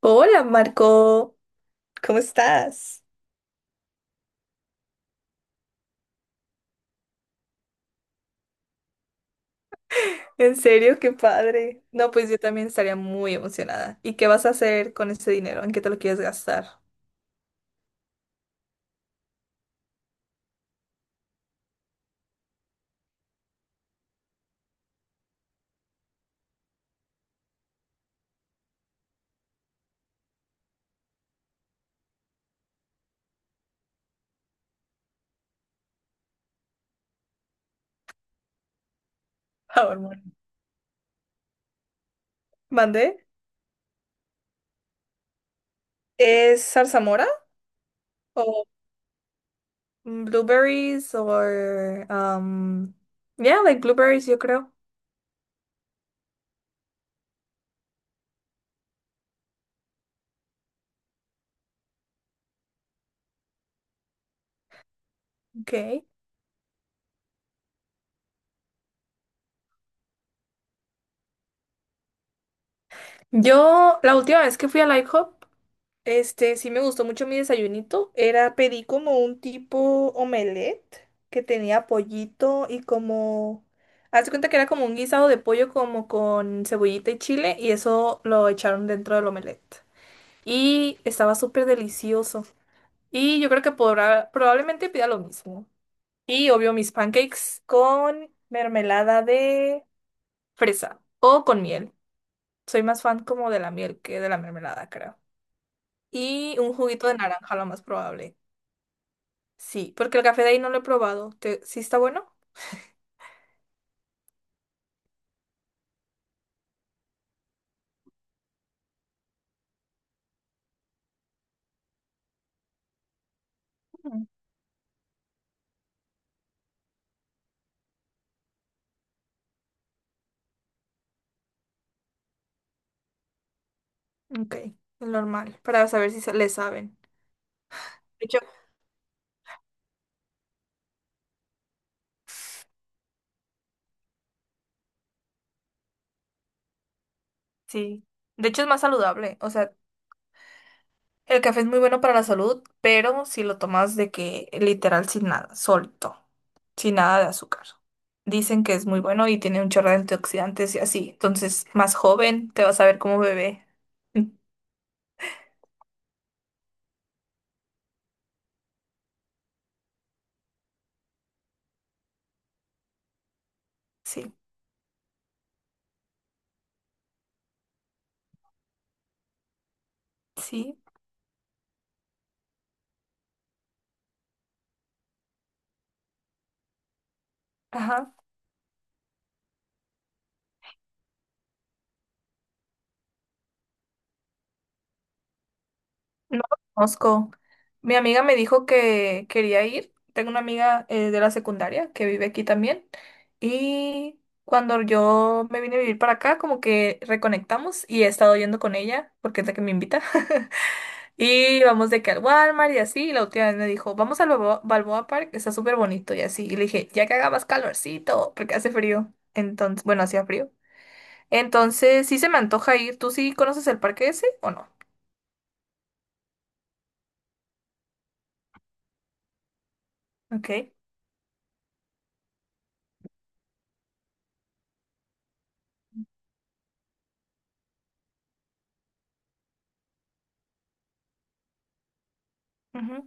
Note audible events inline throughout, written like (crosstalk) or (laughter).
Hola Marco, ¿cómo estás? En serio, qué padre. No, pues yo también estaría muy emocionada. ¿Y qué vas a hacer con ese dinero? ¿En qué te lo quieres gastar? (laughs) Ah, bueno. Bueno. ¿Mandé? ¿Es zarzamora? ¿O blueberries? ¿O...? um, yeah, like blueberries, yo creo. Okay. Yo, la última vez que fui al IHOP, este, sí me gustó mucho mi desayunito. Era, pedí como un tipo omelette que tenía pollito y como... Haz de cuenta que era como un guisado de pollo como con cebollita y chile y eso lo echaron dentro del omelette. Y estaba súper delicioso. Y yo creo que podrá, probablemente pida lo mismo. Y obvio mis pancakes con mermelada de fresa o con miel. Soy más fan como de la miel que de la mermelada, creo. Y un juguito de naranja, lo más probable. Sí, porque el café de ahí no lo he probado. ¿Te- ¿Sí está bueno? Mm. Ok, el normal, para saber si sa- le saben. De hecho, sí. De hecho es más saludable. O sea, el café es muy bueno para la salud, pero si lo tomas de que literal sin nada, solto, sin nada de azúcar. Dicen que es muy bueno y tiene un chorro de antioxidantes y así. Entonces, más joven, te vas a ver como bebé. (laughs) Sí, sí. Ajá. No lo conozco. Mi amiga me dijo que quería ir. Tengo una amiga de la secundaria que vive aquí también. Y cuando yo me vine a vivir para acá, como que reconectamos y he estado yendo con ella porque es la que me invita. (laughs) Y vamos de que al Walmart y así. Y la última vez me dijo, vamos al Balboa, Balboa Park, está súper bonito y así. Y le dije, ya que haga más calorcito, porque hace frío. Entonces, bueno, hacía frío. Entonces, sí se me antoja ir. ¿Tú sí conoces el parque ese o no? Ok. Ujú.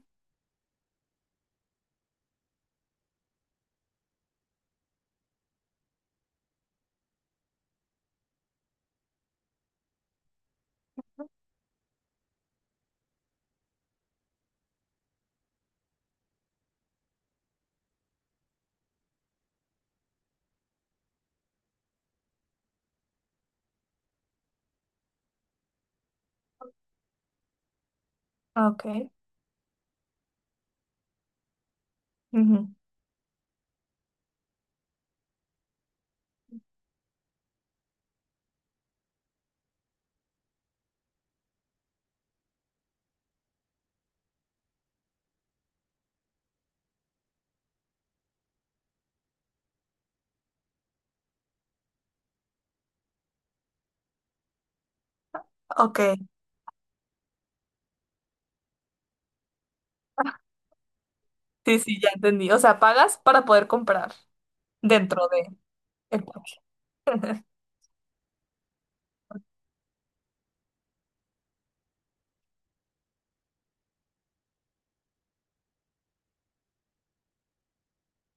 Ok. Ujú. Ok, sí, sí, ya entendí. O sea, pagas para poder comprar dentro de el parque. (laughs)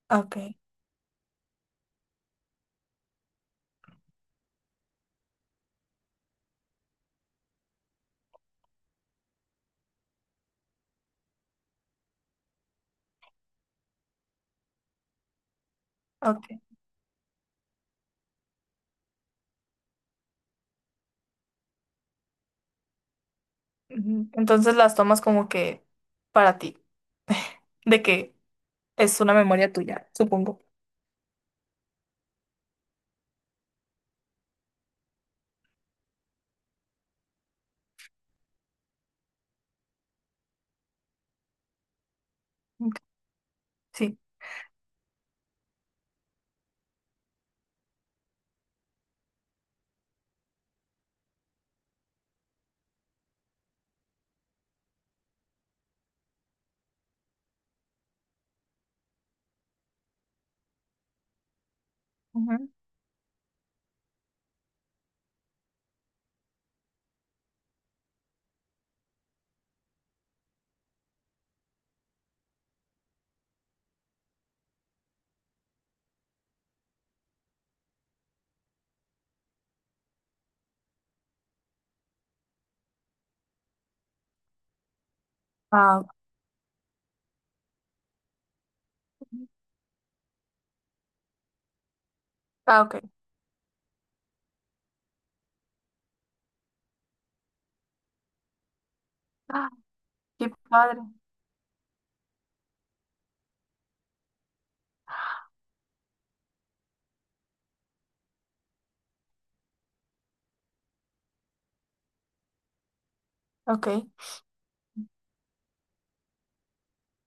Ok, ok. Ujú. Entonces las tomas como que para ti, de que es una memoria tuya, supongo. Ok, sí. Ujú. Ah, ok. Ah, ok. Ah, qué padre. Ok.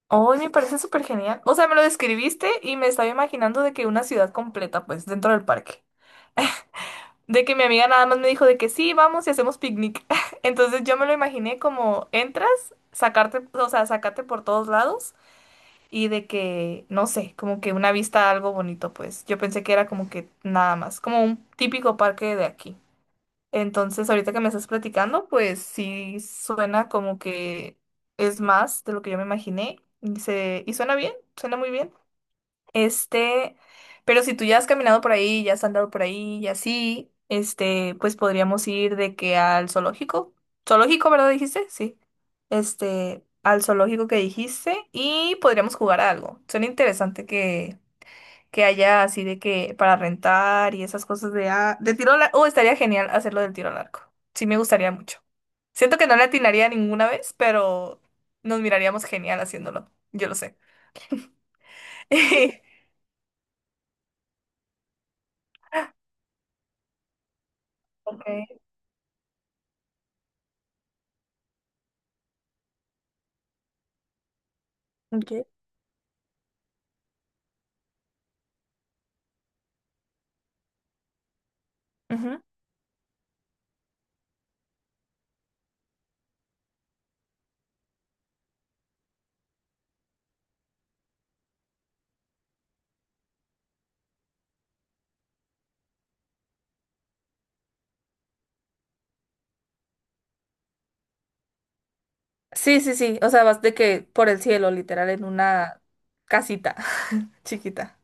Hoy me parece súper genial. O sea, me lo describiste y me estaba imaginando de que una ciudad completa, pues, dentro del parque. De que mi amiga nada más me dijo de que sí, vamos y hacemos picnic. (laughs) Entonces yo me lo imaginé como entras, sacarte, o sea, sacarte por todos lados y de que, no sé, como que una vista algo bonito, pues. Yo pensé que era como que nada más, como un típico parque de aquí. Entonces ahorita que me estás platicando, pues sí suena como que es más de lo que yo me imaginé y, se, y suena bien, suena muy bien. Este, pero si tú ya has caminado por ahí, ya has andado por ahí y así, este, pues podríamos ir de que al zoológico. Zoológico, ¿verdad? Dijiste, sí. Este, al zoológico que dijiste y podríamos jugar a algo. Suena interesante que haya así de que para rentar y esas cosas de, ah, de tiro al arco. Oh, estaría genial hacerlo del tiro al arco. Sí, me gustaría mucho. Siento que no le atinaría ninguna vez, pero nos miraríamos genial haciéndolo. Yo lo sé. (laughs) Ok. Ok. Ujú. Sí, sí, sí. O sea, vas de que por el cielo, literal, en una casita (laughs) chiquita.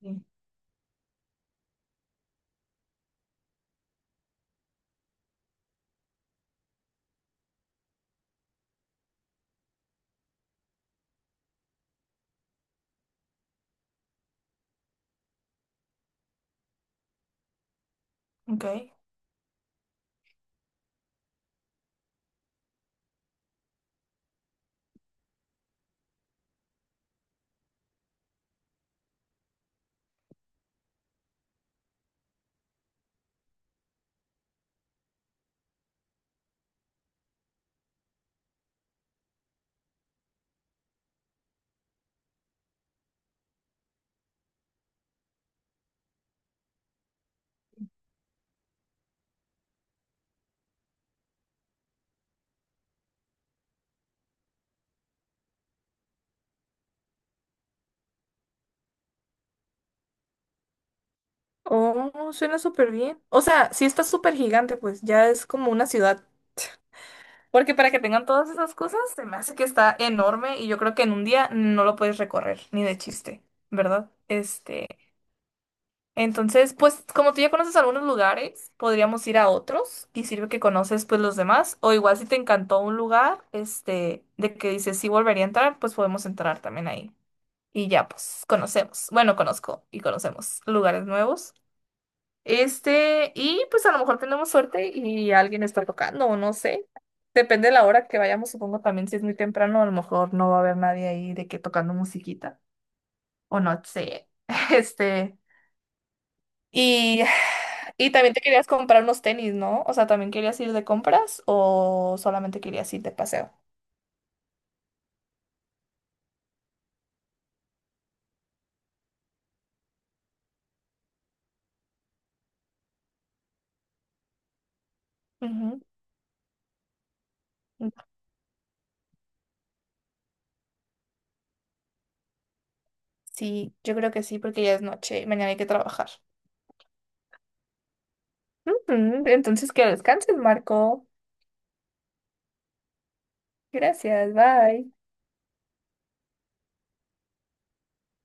Sí. Ok. Oh, suena súper bien. O sea, sí está súper gigante, pues ya es como una ciudad. Porque para que tengan todas esas cosas, se me hace que está enorme y yo creo que en un día no lo puedes recorrer, ni de chiste, ¿verdad? Este. Entonces, pues como tú ya conoces algunos lugares, podríamos ir a otros y sirve que conoces pues los demás. O igual si te encantó un lugar, este, de que dices sí volvería a entrar, pues podemos entrar también ahí. Y ya pues conocemos. Bueno, conozco y conocemos lugares nuevos. Este, y pues a lo mejor tenemos suerte y alguien está tocando, o no sé. Depende de la hora que vayamos, supongo también si es muy temprano, a lo mejor no va a haber nadie ahí de que tocando musiquita. O no sé. (laughs) Este. Y, (sighs) y también te querías comprar unos tenis, ¿no? O sea, ¿también querías ir de compras o solamente querías ir de paseo? Ujú. Sí, yo creo que sí, porque ya es noche y mañana hay que trabajar. Ujú, entonces, que descanses, Marco. Gracias, bye.